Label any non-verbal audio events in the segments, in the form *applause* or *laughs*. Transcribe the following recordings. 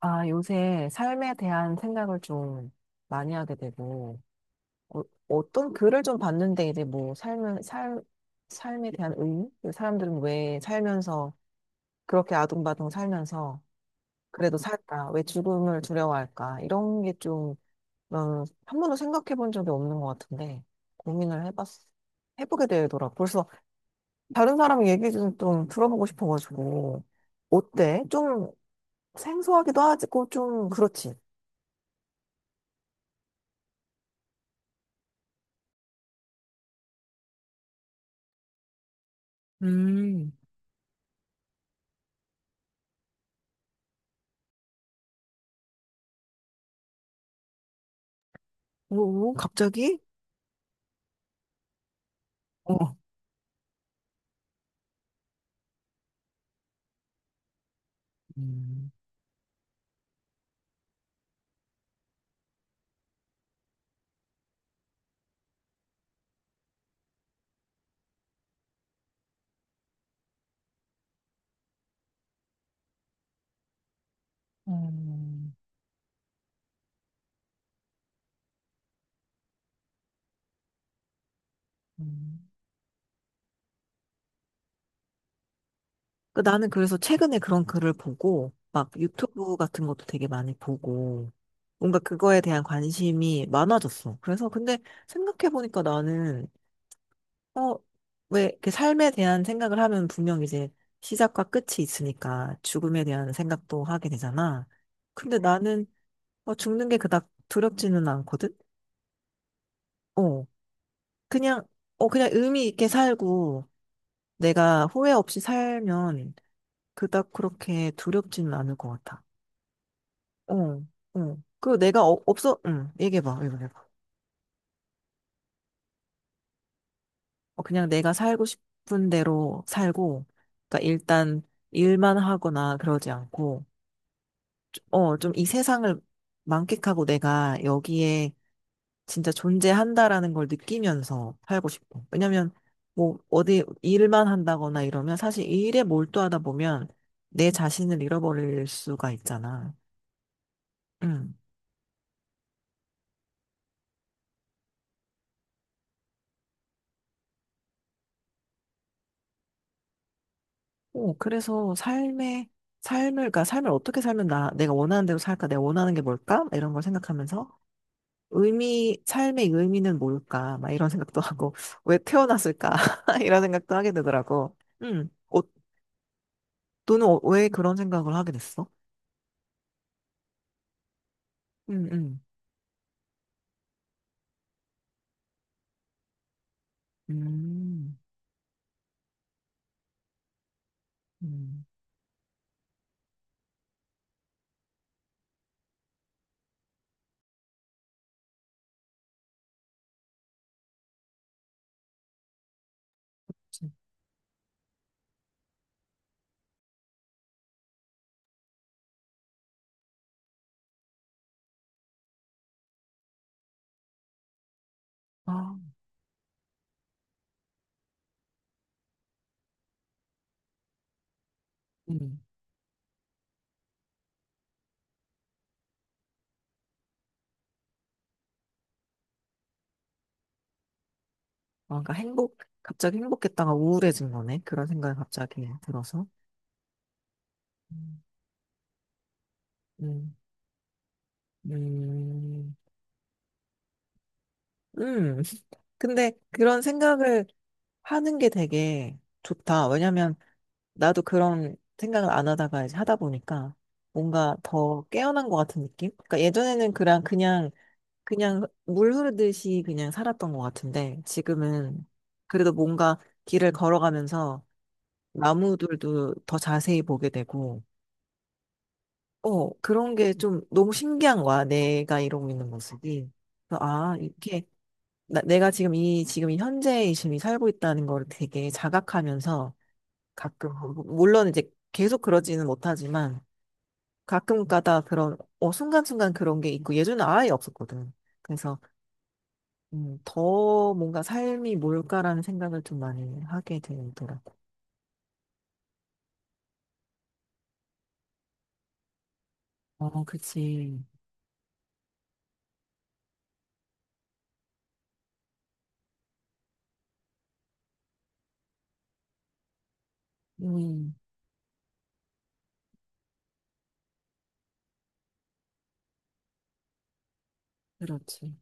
아, 요새 삶에 대한 생각을 좀 많이 하게 되고, 어, 어떤 글을 좀 봤는데, 이제 뭐, 삶에 대한 의미? 그 사람들은 왜 살면서, 그렇게 아둥바둥 살면서, 그래도 살까? 왜 죽음을 두려워할까? 이런 게 좀, 난 한 번도 생각해 본 적이 없는 것 같은데, 고민을 해봤, 해보게 되더라고. 벌써 다른 사람 얘기 좀, 좀 들어보고 싶어가지고, 어때? 좀 생소하기도 하고, 좀 그렇지. 음. 오, 갑자기? 어. 음, 음. 음, 그 나는 그래서 최근에 그런 글을 보고, 막 유튜브 같은 것도 되게 많이 보고, 뭔가 그거에 대한 관심이 많아졌어. 그래서 근데 생각해보니까 나는, 어, 왜 이렇게 삶에 대한 생각을 하면 분명 이제 시작과 끝이 있으니까 죽음에 대한 생각도 하게 되잖아. 근데 나는 죽는 게 그닥 두렵지는 않거든? 어, 그냥, 그냥 의미 있게 살고, 내가 후회 없이 살면 그닥 그렇게 두렵지는 않을 것 같아. 어, 어. 그리고 내가 어, 없어, 응, 얘기해봐, 얘기해봐. 어, 그냥 내가 살고 싶은 대로 살고, 그러니까 일단 일만 하거나 그러지 않고, 좀 이 세상을 만끽하고 내가 여기에 진짜 존재한다라는 걸 느끼면서 살고 싶어. 왜냐면, 뭐, 어디 일만 한다거나 이러면 사실 일에 몰두하다 보면 내 자신을 잃어버릴 수가 있잖아. 응. 어, 그래서 그러니까 삶을 어떻게 살면 나, 내가 원하는 대로 살까? 내가 원하는 게 뭘까? 이런 걸 생각하면서 삶의 의미는 뭘까? 막 이런 생각도 하고, *laughs* 왜 태어났을까? *laughs* 이런 생각도 하게 되더라고. 어, 너는 왜 그런 생각을 하게 됐어? 음, 음, 음, 음, 진- 아, 음. 아, 그러니까 행복, 갑자기 행복했다가 우울해진 거네. 그런 생각이 갑자기 들어서. 음, 음, 음. 음. *laughs* 근데 그런 생각을 하는 게 되게 좋다. 왜냐면 나도 그런 생각을 안 하다가 이제 하다 보니까 뭔가 더 깨어난 것 같은 느낌? 그러니까 예전에는 그냥 그냥 물 흐르듯이 그냥 살았던 것 같은데 지금은 그래도 뭔가 길을 걸어가면서 나무들도 더 자세히 보게 되고 어 그런 게 좀 너무 신기한 거야. 내가 이러고 있는 모습이. 그래서 아 이렇게 나, 내가 지금 이 현재의 지금 이 살고 있다는 걸 되게 자각하면서 가끔. 물론 이제 계속 그러지는 못하지만 가끔 가다 그런, 어, 순간순간 그런 게 있고 예전에 아예 없었거든. 그래서, 더 뭔가 삶이 뭘까라는 생각을 좀 많이 하게 되더라고. 어, 그치. 음, 그렇지.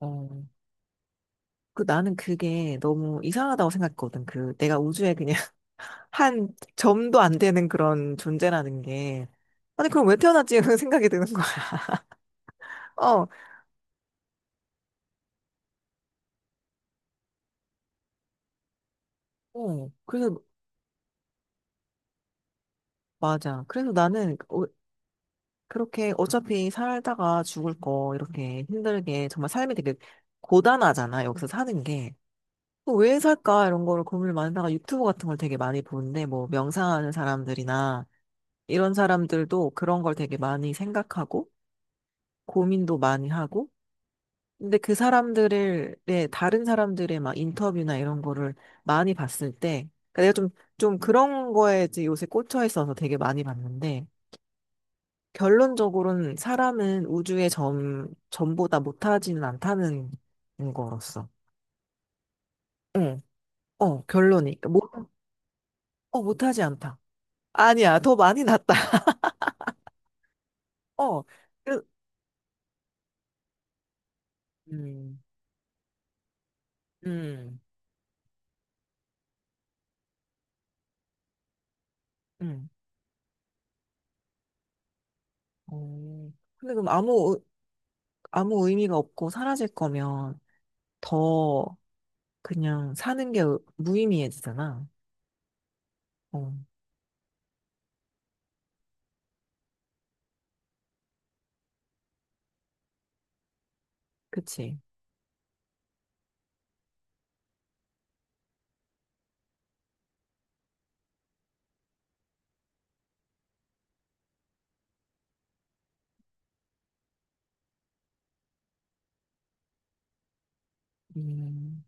어. 그 나는 그게 너무 이상하다고 생각했거든. 그 내가 우주에 그냥 *laughs* 한 점도 안 되는 그런 존재라는 게. 아니, 그럼 왜 태어났지? *laughs* 이런 생각이 드는 거야. *laughs* 어, 어. 그래서, 맞아. 그래서 나는 어, 그렇게 어차피 살다가 죽을 거 이렇게 힘들게 정말 삶이 되게 고단하잖아 여기서 사는 게. 그왜 살까 이런 거를 고민을 많이 하다가 유튜브 같은 걸 되게 많이 보는데 뭐 명상하는 사람들이나 이런 사람들도 그런 걸 되게 많이 생각하고 고민도 많이 하고 근데 그 사람들의 네, 다른 사람들의 막 인터뷰나 이런 거를 많이 봤을 때 그러니까 내가 좀 좀 그런 거에 이제 요새 꽂혀 있어서 되게 많이 봤는데 결론적으로는 사람은 우주의 점, 전보다 못하지는 않다는 거로서. 응, 어, 결론이. 그러니까 못, 어, 못하지 않다. 아니야, 더 많이 낫다. *laughs* 어, 그, 음, 음, 음. 어. 근데 그럼 아무, 의- 아무 의미가 없고 사라질 거면 더 그냥 사는 게 무의미해지잖아. 어, 그치. 음,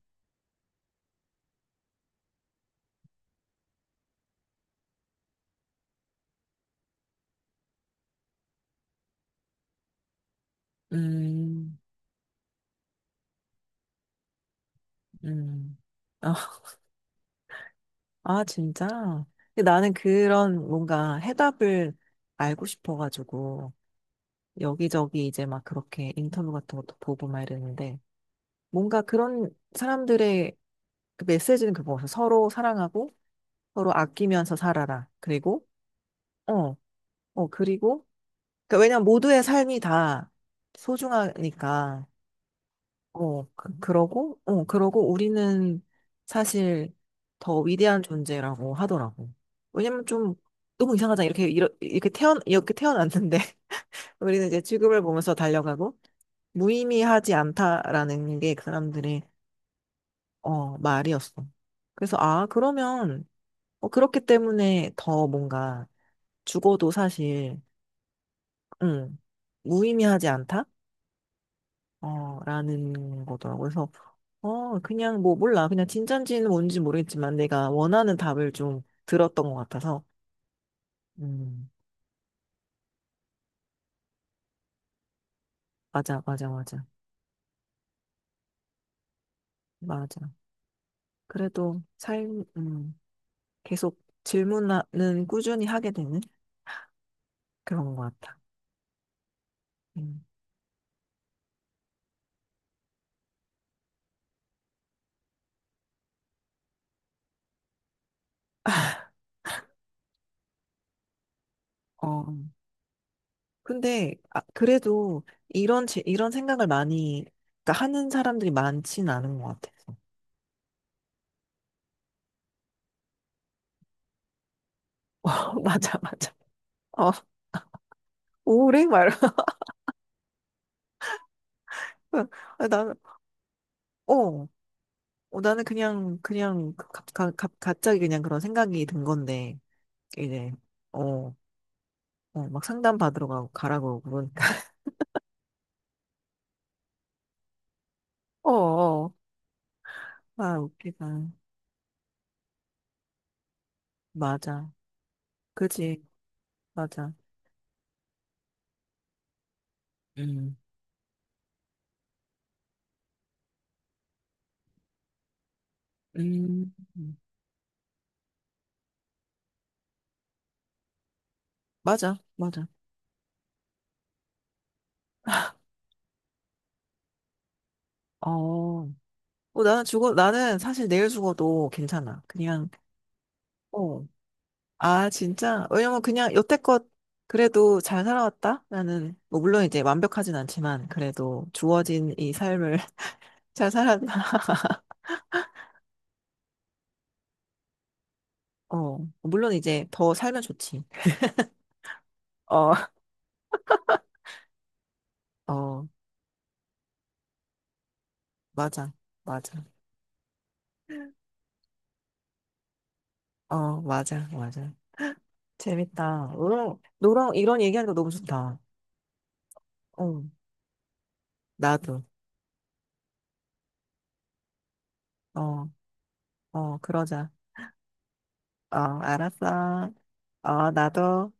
음, 음. *laughs* 아, 진짜? 근데 나는 그런 뭔가 해답을 알고 싶어가지고, 여기저기 이제 막 그렇게 인터뷰 같은 것도 보고 막 이랬는데, 뭔가 그런 사람들의 그 메시지는 그거 같아. 서로 사랑하고, 서로 아끼면서 살아라. 그리고, 어, 어, 그리고, 그러니까 왜냐면 모두의 삶이 다 소중하니까, 어, 그, 그러고, 어, 그러고 우리는 사실 더 위대한 존재라고 하더라고. 왜냐면 좀 너무 이상하잖아. 이렇게, 이러- 이렇게 태어, 이렇게 태어났는데 *laughs* 우리는 이제 지구를 보면서 달려가고 무의미하지 않다라는 게 그 사람들의, 어, 말이었어. 그래서, 아, 그러면, 어, 그렇기 때문에 더 뭔가 죽어도 사실, 음 무의미하지 않다? 어, 라는 거더라고요. 그래서, 어, 그냥 뭐, 몰라. 그냥 진짠지는 뭔지 모르겠지만 내가 원하는 답을 좀 들었던 것 같아서. 음, 맞아, 맞아, 맞아. 맞아. 그래도 삶, 계속 질문은 꾸준히 하게 되는 그런 것 같아. 음, 어, 근데, 아, 그래도 이런, 제- 이런 생각을 많이, 그러니까 하는 사람들이 많진 않은 것 같아서. *laughs* 맞아, 맞아. 어, 우울해? 말고. *laughs* 나는, 어. 어, 나는 그냥, 그냥, 갑, 갑, 갑- 갑자기 그냥 그런 생각이 든 건데, 이제, 어, 어, 막 상담 받으러 가고, 가라고 그러니까. *laughs* 어, 어. 아, 웃기다. 맞아. 그지, 맞아. 음, 음, 음. 맞아, 맞아. 어, 어, 나는 죽어, 나는 사실 내일 죽어도 괜찮아. 그냥, 어. 아, 진짜? 왜냐면 그냥 여태껏 그래도 잘 살아왔다? 나는, 뭐, 물론 이제 완벽하진 않지만, 그래도 주어진 이 삶을 *laughs* 잘 살았다. 어, 물론 이제 더 살면 좋지. 어, *laughs* 어, 맞아, 맞아. 어, 맞아, 맞아. 재밌다. 응, 너랑 이런 얘기하는 거 너무 좋다. 응, 나도. 어, 어, 그러자. 어, 알았어. 어, 나도.